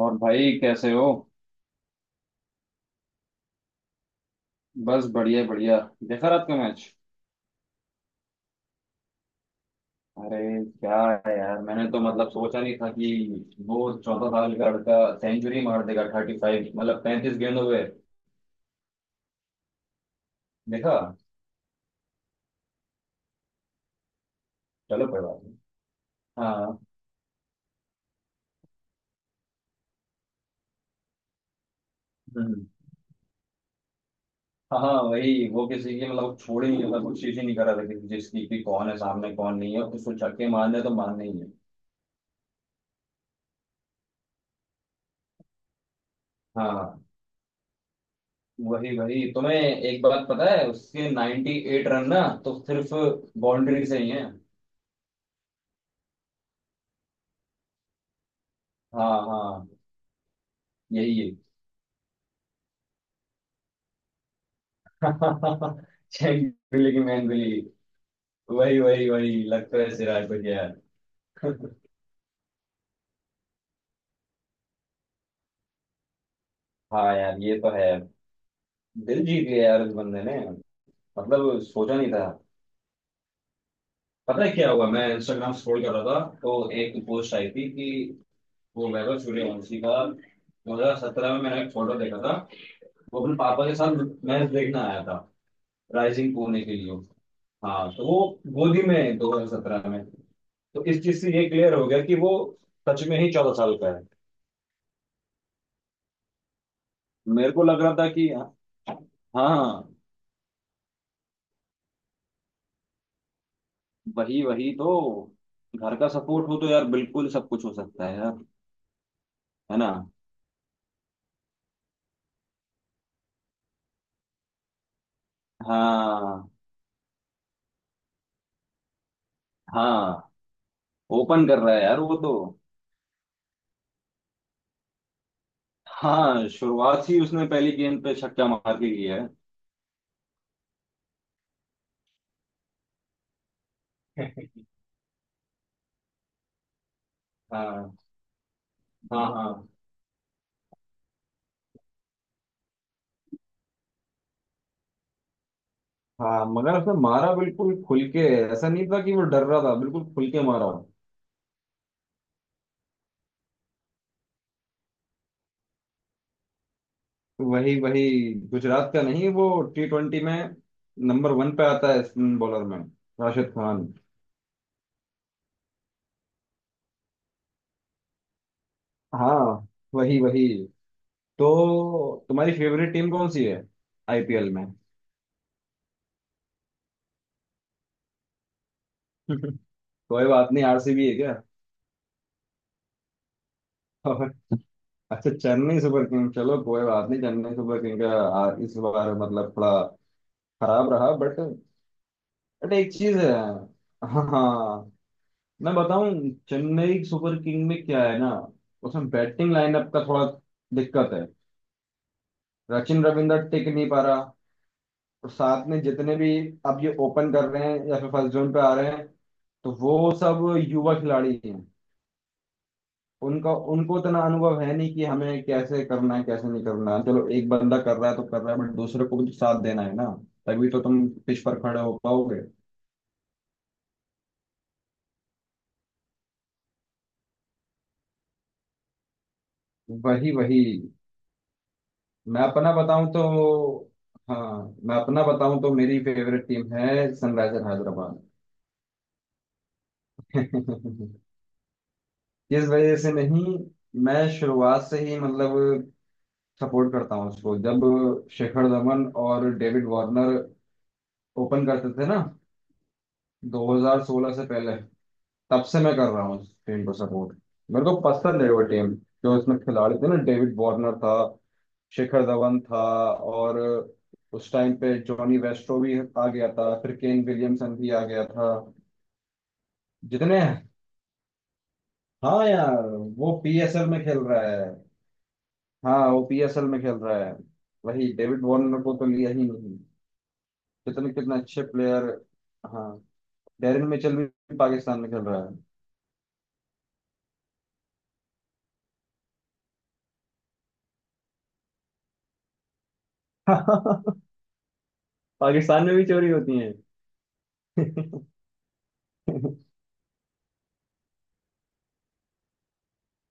और भाई कैसे हो? बस बढ़िया बढ़िया। देखा रात का मैच? अरे क्या है यार, मैंने तो मतलब सोचा नहीं था कि वो 14 साल का लड़का सेंचुरी मार देगा 35 मतलब 35 गेंदों पे। देखा? चलो कोई बात नहीं। हाँ। हम्म, हाँ हाँ, वही वो किसी की मतलब छोड़ ही नहीं, मतलब कोशिश ही नहीं करा था किसी चीज की कि कौन है सामने कौन नहीं है, उसको छक्के मारने तो मारने ही है। हाँ वही वही, तुम्हें एक बात पता है उसके 98 रन ना तो सिर्फ बाउंड्री से ही है। हाँ हाँ यही है। लेकिन मैन बिली, वही वही वही लगता है सिराज को यार। हाँ यार ये तो है। दिल जीत गया यार इस बंदे ने, मतलब सोचा नहीं था। पता है क्या हुआ, मैं इंस्टाग्राम स्क्रॉल कर रहा था तो एक पोस्ट आई थी कि वो वैभव सूर्यवंशी का 2017 में मैंने एक फोटो देखा था। वो अपने पापा के साथ मैच देखने आया था, राइजिंग पुणे के लिए। हाँ तो वो गोदी में है 2017 में। तो इस चीज से ये क्लियर हो गया कि वो सच में ही 14 साल का है। मेरे को लग रहा था कि हाँ वही वही तो, घर का सपोर्ट हो तो यार बिल्कुल सब कुछ हो सकता है यार। है ना। हाँ हाँ। ओपन कर रहा है यार वो तो। हाँ, शुरुआत ही उसने पहली गेंद पे छक्का मार के किया है। हाँ हाँ हाँ हाँ, मगर उसने मारा बिल्कुल खुल के। ऐसा नहीं था कि वो डर रहा था, बिल्कुल खुल के मारा। वही वही, गुजरात का नहीं, वो T20 में नंबर वन पे आता है स्पिन बॉलर में, राशिद खान। हाँ वही वही। तो तुम्हारी फेवरेट टीम कौन सी है आईपीएल में? कोई बात नहीं, आरसीबी है क्या? और अच्छा, चेन्नई सुपर किंग चलो कोई बात नहीं। चेन्नई सुपर किंग का इस बार मतलब थोड़ा खराब रहा बट एक चीज है। हाँ, मैं बताऊं, चेन्नई सुपर किंग में क्या है ना, उसमें बैटिंग लाइनअप का थोड़ा दिक्कत है। सचिन रविंद्र टिक नहीं पा रहा, और साथ में जितने भी अब ये ओपन कर रहे हैं या फिर फर्स्ट जोन पे आ रहे हैं तो वो सब युवा खिलाड़ी हैं। उनका उनको इतना अनुभव है नहीं कि हमें कैसे करना है कैसे नहीं करना है। चलो एक बंदा कर रहा है तो कर रहा है, बट दूसरे को भी तो साथ देना है ना, तभी तो तुम पिच पर खड़े हो पाओगे। वही वही। मैं अपना बताऊं तो, हाँ मैं अपना बताऊं तो मेरी फेवरेट टीम है सनराइजर हैदराबाद। इस वजह से नहीं, मैं शुरुआत से ही मतलब सपोर्ट करता हूँ उसको जब शिखर धवन और डेविड वार्नर ओपन करते थे ना, 2016 से पहले, तब से मैं कर रहा हूँ इस टीम को सपोर्ट। मेरे को पसंद है वो टीम, जो इसमें खिलाड़ी थे ना, डेविड वार्नर था, शिखर धवन था, और उस टाइम पे जॉनी वेस्ट्रो भी आ गया था, फिर केन विलियमसन भी आ गया था जितने। हाँ यार, वो पीएसएल में खेल रहा है। हाँ वो पीएसएल में खेल रहा है, वही डेविड वार्नर को तो लिया ही नहीं। कितने कितने अच्छे प्लेयर। हाँ, डेरिन मिचेल भी पाकिस्तान में खेल रहा है। पाकिस्तान में भी चोरी होती है?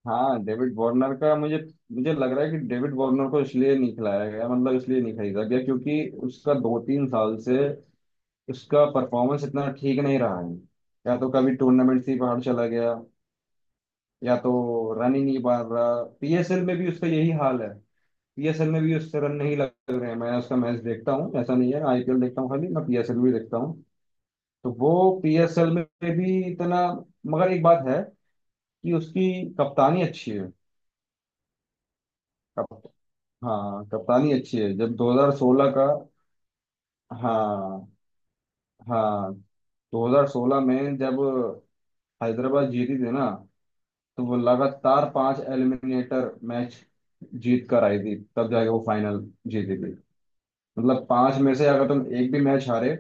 हाँ डेविड वार्नर का मुझे मुझे लग रहा है कि डेविड वार्नर को इसलिए नहीं खिलाया गया, मतलब इसलिए नहीं खरीदा गया क्योंकि उसका दो तीन साल से, उसका परफॉर्मेंस इतना ठीक नहीं रहा है, या तो कभी टूर्नामेंट से ही बाहर चला गया, या तो रन ही नहीं मार रहा। पीएसएल में भी उसका यही हाल है, पीएसएल में भी उससे रन नहीं लग रहे हैं। मैं उसका मैच देखता हूँ, ऐसा नहीं है आईपीएल देखता हूँ खाली, मैं पीएसएल भी देखता हूँ। तो वो पीएसएल में भी इतना, मगर एक बात है कि उसकी कप्तानी अच्छी है। हाँ कप्तानी अच्छी है, जब 2016 का, हाँ हाँ 2016 में जब हैदराबाद जीती थी ना तो वो लगातार 5 एलिमिनेटर मैच जीत कर आई थी, तब जाके वो फाइनल जीती थी। मतलब 5 में से अगर तुम एक भी मैच हारे।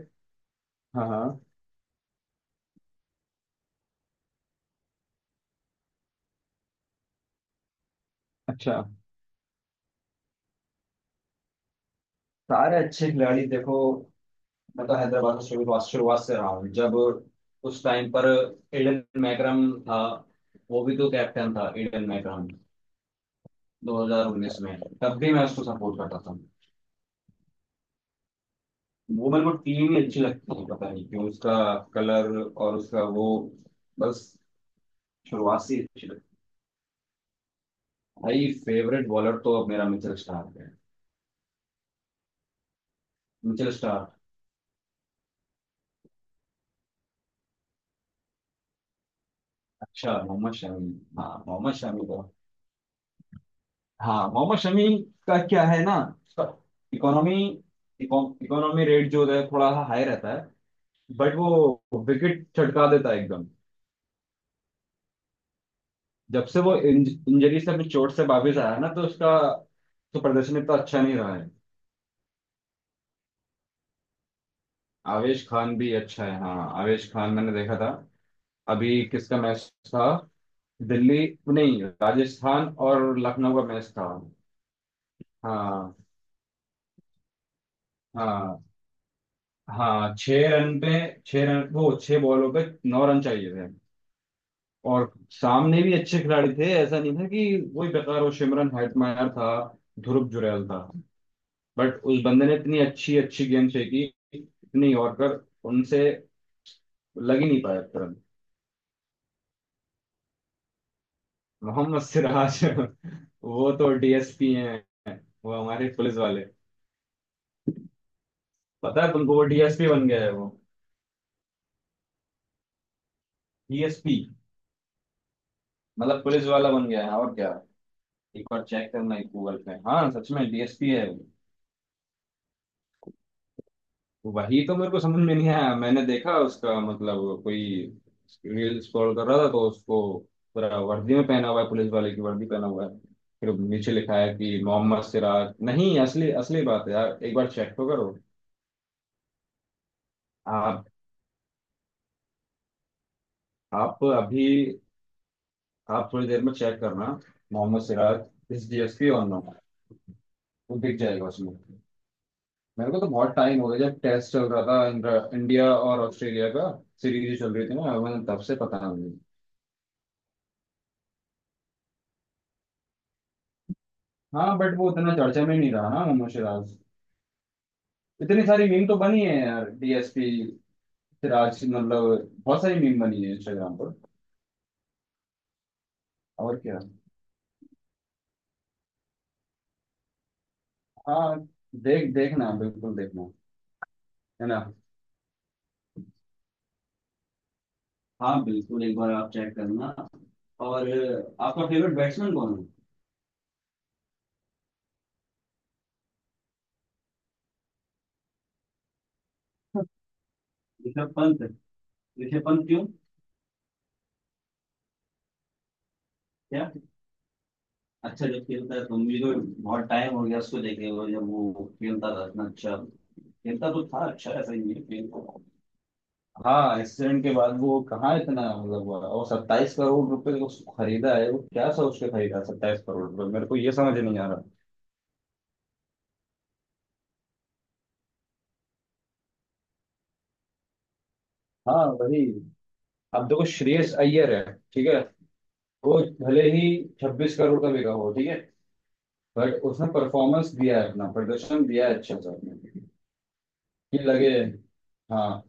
हाँ हाँ। अच्छा, सारे अच्छे खिलाड़ी देखो। मतलब हैदराबाद का शुरुआत शुरुआत से रहा हूँ जब उस टाइम पर एडन मैकरम था, वो भी तो कैप्टन था एडन मैकरम, 2019 में, तब भी मैं उसको सपोर्ट करता था। वो मेरे को टीम ही अच्छी लगती है, पता नहीं क्यों, उसका कलर और उसका वो, बस शुरुआत से ही अच्छी लगती है। भाई फेवरेट बॉलर तो अब मेरा मिचेल स्टार्क है। Mitchell Starc. अच्छा मोहम्मद शमी। हाँ मोहम्मद शमी का, हाँ मोहम्मद शमी का क्या है ना, उसका इकोनॉमी, इकोनॉमी रेट जो है थोड़ा हाई रहता है, बट वो विकेट छटका देता है एकदम। जब से वो इंजरी से, अपनी चोट से वापिस आया ना तो उसका तो प्रदर्शन इतना अच्छा नहीं रहा है। आवेश खान भी अच्छा है, हाँ आवेश खान मैंने देखा था, अभी किसका मैच था, दिल्ली नहीं, राजस्थान और लखनऊ का मैच था। हाँ हाँ हाँ, 6 रन पे, 6 रन वो, 6 बॉलों पे 9 रन चाहिए थे, और सामने भी अच्छे खिलाड़ी थे, ऐसा नहीं था कि वही बेकार, वो सिमरन हेटमायर था, ध्रुव जुरैल था, बट उस बंदे ने इतनी अच्छी अच्छी गेंद फेंकी, इतनी यॉर्कर उनसे लग ही नहीं पाया तुरंत। मोहम्मद सिराज वो तो डीएसपी हैं, वो हमारे पुलिस वाले। पता है तुमको वो डीएसपी बन गया है वो? डीएसपी मतलब पुलिस वाला बन गया है, और क्या। एक बार चेक करना गूगल पे, हाँ सच में डीएसपी है वो। वही तो मेरे को समझ में नहीं आया, मैंने देखा उसका, मतलब कोई रील स्क्रॉल कर रहा था तो उसको, पूरा वर्दी में पहना हुआ है, पुलिस वाले की वर्दी पहना हुआ है, फिर नीचे लिखा है कि मोहम्मद सिराज, नहीं असली असली बात है यार, एक बार चेक तो करो आप। आप अभी, आप थोड़ी देर में चेक करना, मोहम्मद सिराज इस डीएसपी और नो, वो दिख जाएगा उसमें। मेरे को तो बहुत टाइम हो गया, जब टेस्ट चल रहा था इंडिया और ऑस्ट्रेलिया का सीरीज चल रही थी ना, मैं तब से पता नहीं। हाँ बट वो उतना चर्चा में नहीं रहा ना मोहम्मद सिराज। इतनी सारी मीम तो बनी है यार, डीएसपी सिराज, मतलब बहुत सारी मीम बनी है इंस्टाग्राम पर, और क्या। हाँ देख, देखना बिल्कुल देखना। है ना। हाँ बिल्कुल, एक बार आप चेक करना। और आपका फेवरेट बैट्समैन कौन है? ऋषभ पंत? ऋषभ पंत क्यों? क्या? अच्छा जब खेलता है तो, मुझे तो बहुत टाइम हो गया उसको देखे हुए, जब वो खेलता था इतना अच्छा खेलता तो था अच्छा, ऐसा ही नहीं है, खेलता था। हाँ एक्सीडेंट के बाद वो कहाँ इतना मतलब हुआ, और 27 करोड़ रुपए को उसको खरीदा है, वो क्या सोच के खरीदा 27 करोड़ रुपए, मेरे को ये समझ नहीं आ रहा। हाँ वही, अब देखो श्रेयस अय्यर है, ठीक है, वो भले ही 26 करोड़ का बिका हो ठीक है, बट उसने परफॉर्मेंस दिया है, अपना प्रदर्शन दिया है अच्छा सा अपने, ये लगे। हाँ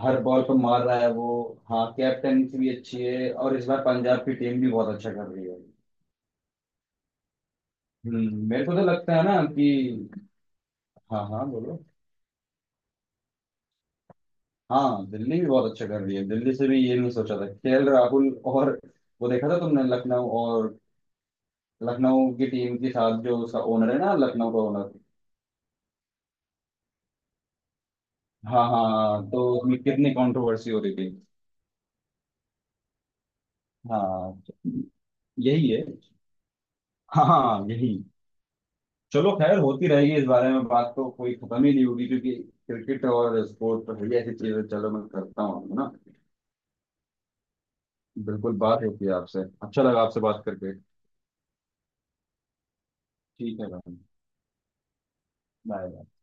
हर बॉल पर मार रहा है वो। हाँ कैप्टनसी भी अच्छी है, और इस बार पंजाब की टीम भी बहुत अच्छा कर रही है। मेरे को तो लगता है ना कि, हाँ हाँ बोलो। हाँ दिल्ली भी बहुत अच्छा कर रही है, दिल्ली से भी ये नहीं सोचा था, केएल राहुल और, वो देखा था तुमने लखनऊ और, लखनऊ की टीम के साथ जो उसका ओनर है ना, लखनऊ का ओनर, हाँ हाँ तो उसमें कितनी कंट्रोवर्सी हो रही थी। हाँ यही है, हाँ हाँ, यही। चलो खैर, होती रहेगी, इस बारे में बात तो कोई खत्म ही नहीं होगी, क्योंकि क्रिकेट और स्पोर्ट तो है ही ऐसी चीज, है चलो मैं करता हूँ, है ना। बिल्कुल, बात होती है आपसे, अच्छा लगा आपसे बात करके। ठीक है भाई, बाय।